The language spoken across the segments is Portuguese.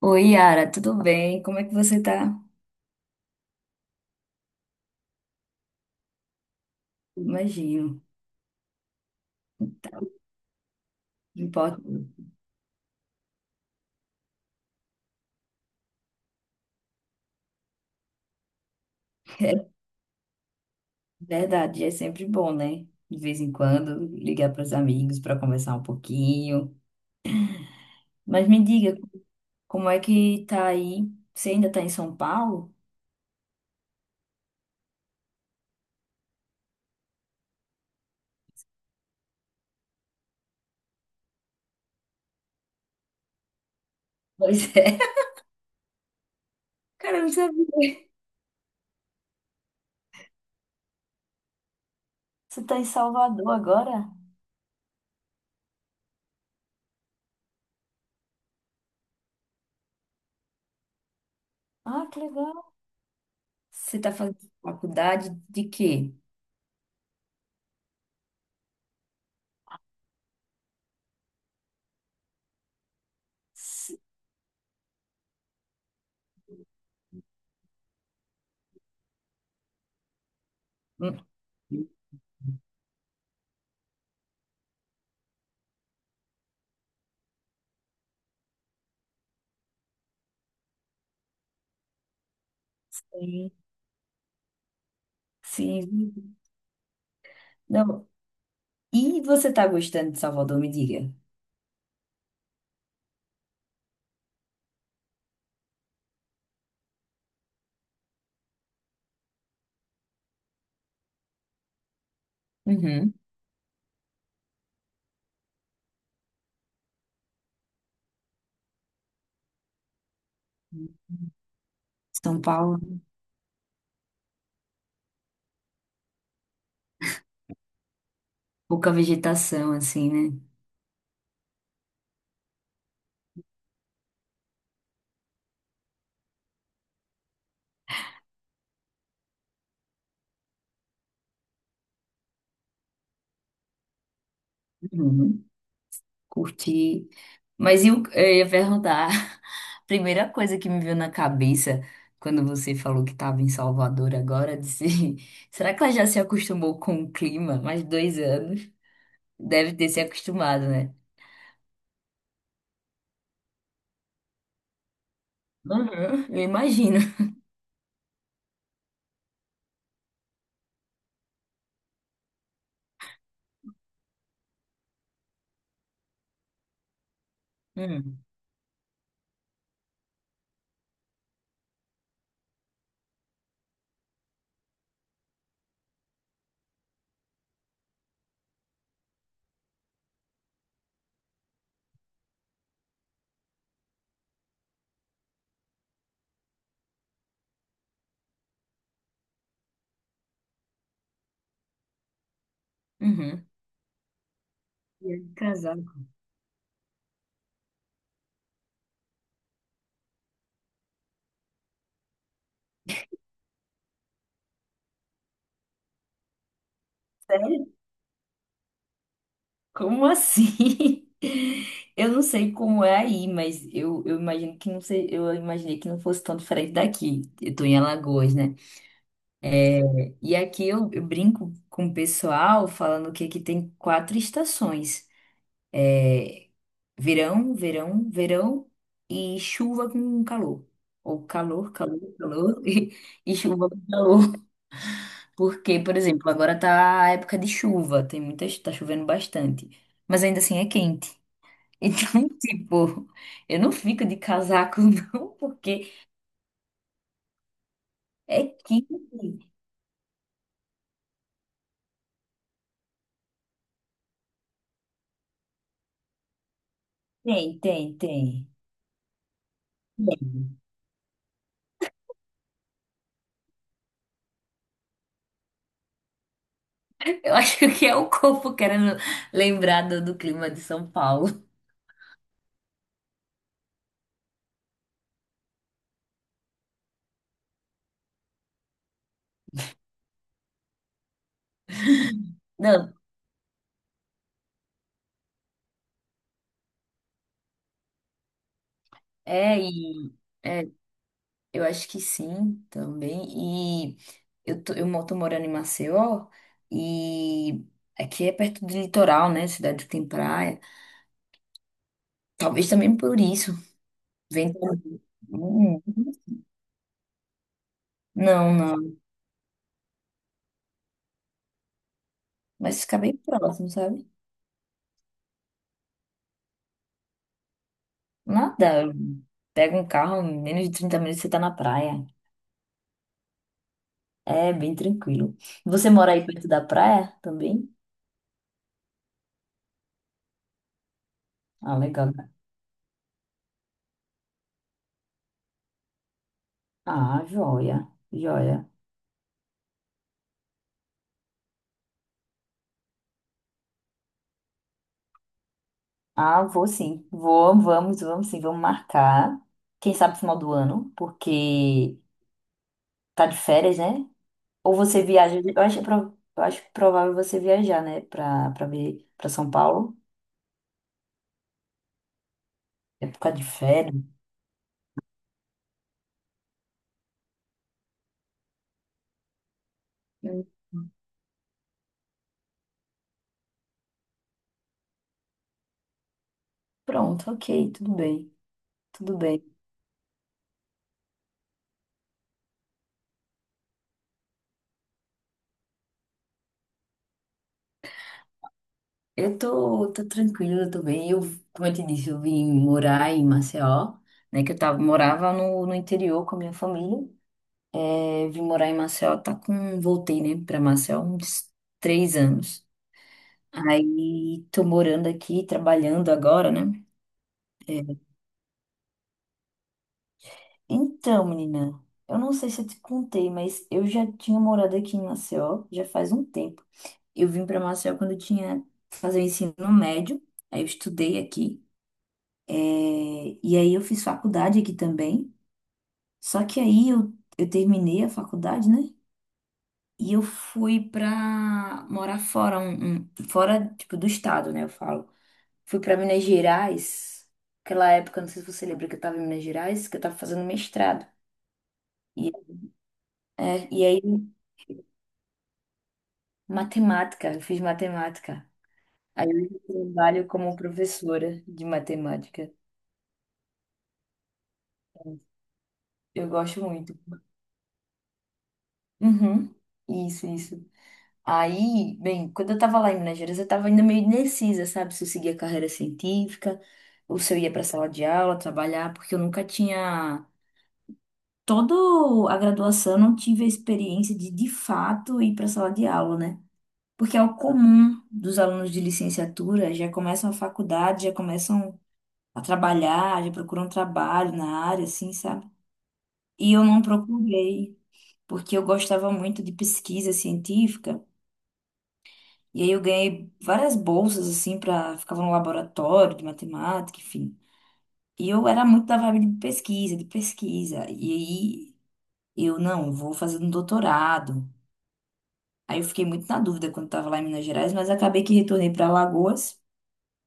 Oi, Yara, tudo bem? Como é que você tá? Imagino. Tá, não importa. É verdade, é sempre bom, né? De vez em quando, ligar para os amigos para conversar um pouquinho. Mas me diga, como é que tá aí? Você ainda tá em São Paulo? Pois é. Cara, eu não sabia. Você tá em Salvador agora? Ah, que legal. Você tá fazendo faculdade de quê? S- hum. Sim, sim. Não. E você tá gostando de Salvador, me diga. Uhum. São Paulo, pouca vegetação, assim, né? Uhum. Curti. Mas eu ia perguntar, a primeira coisa que me veio na cabeça quando você falou que estava em Salvador agora, disse, será que ela já se acostumou com o clima? Mais 2 anos. Deve ter se acostumado, né? Uhum, eu imagino. Uhum. Uhum. E aí, casado. Sério? Como assim? Eu não sei como é aí, mas eu imagino que não sei, eu imaginei que não fosse tão diferente daqui. Eu tô em Alagoas, né? E aqui eu brinco com o pessoal falando que aqui tem quatro estações: verão, verão, verão e chuva com calor. Ou calor, calor, calor e chuva com calor. Porque, por exemplo, agora tá a época de chuva, tá chovendo bastante. Mas ainda assim é quente. Então, tipo, eu não fico de casaco, não, porque é quente. Tem, tem, tem. Eu acho que é o corpo querendo lembrar do clima de São Paulo. Não, é, é, eu acho que sim também. E eu tô, tô morando em Maceió e aqui é perto do litoral, né? Cidade que tem praia. Talvez também por isso. Vem. Hum. Não, não. Mas fica bem próximo, sabe? Nada, pega um carro, em menos de 30 minutos você tá na praia. É bem tranquilo. Você mora aí perto da praia também? Ah, legal. Ah, joia, joia. Ah, vou sim. Vou, vamos, vamos sim, vamos marcar. Quem sabe final do ano, porque tá de férias, né? Ou você viaja, eu acho, eu acho provável você viajar, né, pra ver, pra São Paulo. É por causa de férias. Hum. Pronto, ok, tudo bem, tudo bem. Eu tô, tô tranquila, tô bem. Eu, como eu te disse, eu vim morar em Maceió, né? Que eu tava, morava no interior com a minha família. É, vim morar em Maceió, voltei, né, pra Maceió uns 3 anos. Aí tô morando aqui, trabalhando agora, né? Então, menina, eu não sei se eu te contei, mas eu já tinha morado aqui em Maceió já faz um tempo. Eu vim pra Maceió quando eu tinha fazer o ensino médio, aí eu estudei aqui. É, e aí eu fiz faculdade aqui também. Só que aí eu terminei a faculdade, né? E eu fui pra morar fora, fora, tipo, do estado, né? Eu falo. Fui pra Minas Gerais. Aquela época, não sei se você lembra que eu tava em Minas Gerais, que eu tava fazendo mestrado. E, é, e aí, matemática, eu fiz matemática. Aí hoje eu trabalho como professora de matemática. Eu gosto muito. Uhum. Isso, isso. Aí, bem, quando eu tava lá em Minas Gerais, eu tava ainda meio indecisa, sabe? Se eu seguia carreira científica ou se eu ia pra sala de aula trabalhar, porque eu nunca tinha. Toda a graduação, eu não tive a experiência de fato, ir pra sala de aula, né? Porque é o comum dos alunos de licenciatura, já começam a faculdade, já começam a trabalhar, já procuram trabalho na área, assim, sabe? E eu não procurei, porque eu gostava muito de pesquisa científica. E aí eu ganhei várias bolsas, assim, pra... Ficava no laboratório de matemática, enfim. E eu era muito da vibe de pesquisa, de pesquisa. E aí eu, não, vou fazer um doutorado. Aí eu fiquei muito na dúvida quando estava lá em Minas Gerais, mas acabei que retornei para Alagoas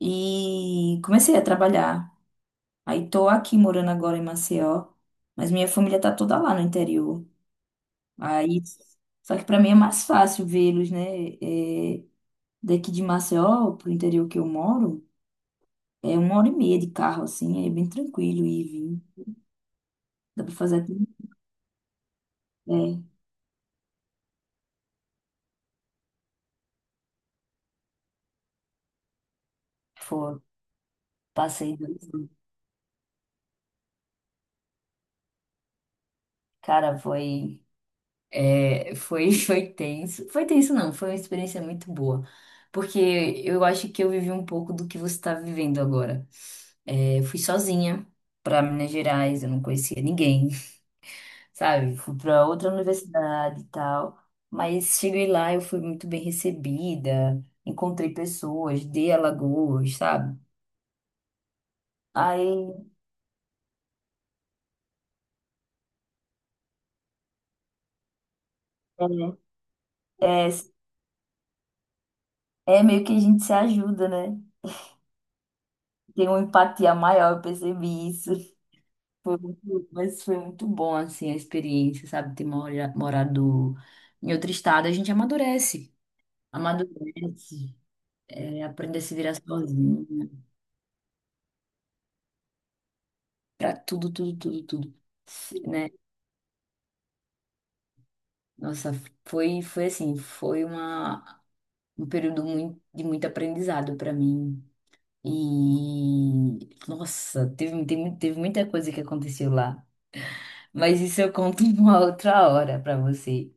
e comecei a trabalhar. Aí tô aqui morando agora em Maceió, mas minha família tá toda lá no interior. Aí, só que para mim é mais fácil vê-los, né? É, daqui de Maceió pro interior que eu moro. É 1 hora e meia de carro, assim, é bem tranquilo ir e vir. Dá pra fazer tudo. É, foi, passei dois. Cara, foi, é, foi, foi tenso. Foi tenso, não, foi uma experiência muito boa. Porque eu acho que eu vivi um pouco do que você está vivendo agora. É, fui sozinha para Minas Gerais, eu não conhecia ninguém, sabe? Fui para outra universidade e tal. Mas cheguei lá, eu fui muito bem recebida, encontrei pessoas de Alagoas, sabe? Aí é. É, é meio que a gente se ajuda, né? Tem uma empatia maior, eu percebi isso. Foi muito, mas foi muito bom, assim, a experiência, sabe? Ter morado em outro estado, a gente amadurece. Amadurece, é, aprende a se virar sozinho, né? Pra tudo, tudo, tudo, tudo, né? Nossa, foi, foi assim, foi uma, um período muito, de muito aprendizado para mim. E, nossa, teve, teve, teve muita coisa que aconteceu lá. Mas isso eu conto uma outra hora pra você.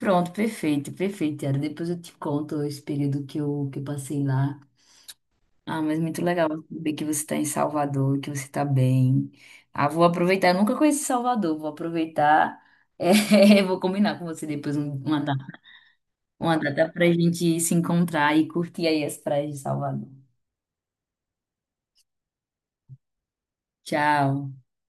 Pronto, perfeito, perfeito, Yara. Depois eu te conto esse período que eu passei lá. Ah, mas muito legal saber que você está em Salvador, que você está bem. Ah, vou aproveitar. Eu nunca conheci Salvador, vou aproveitar. É, vou combinar com você depois uma data para a gente se encontrar e curtir aí as praias de Salvador. Tchau.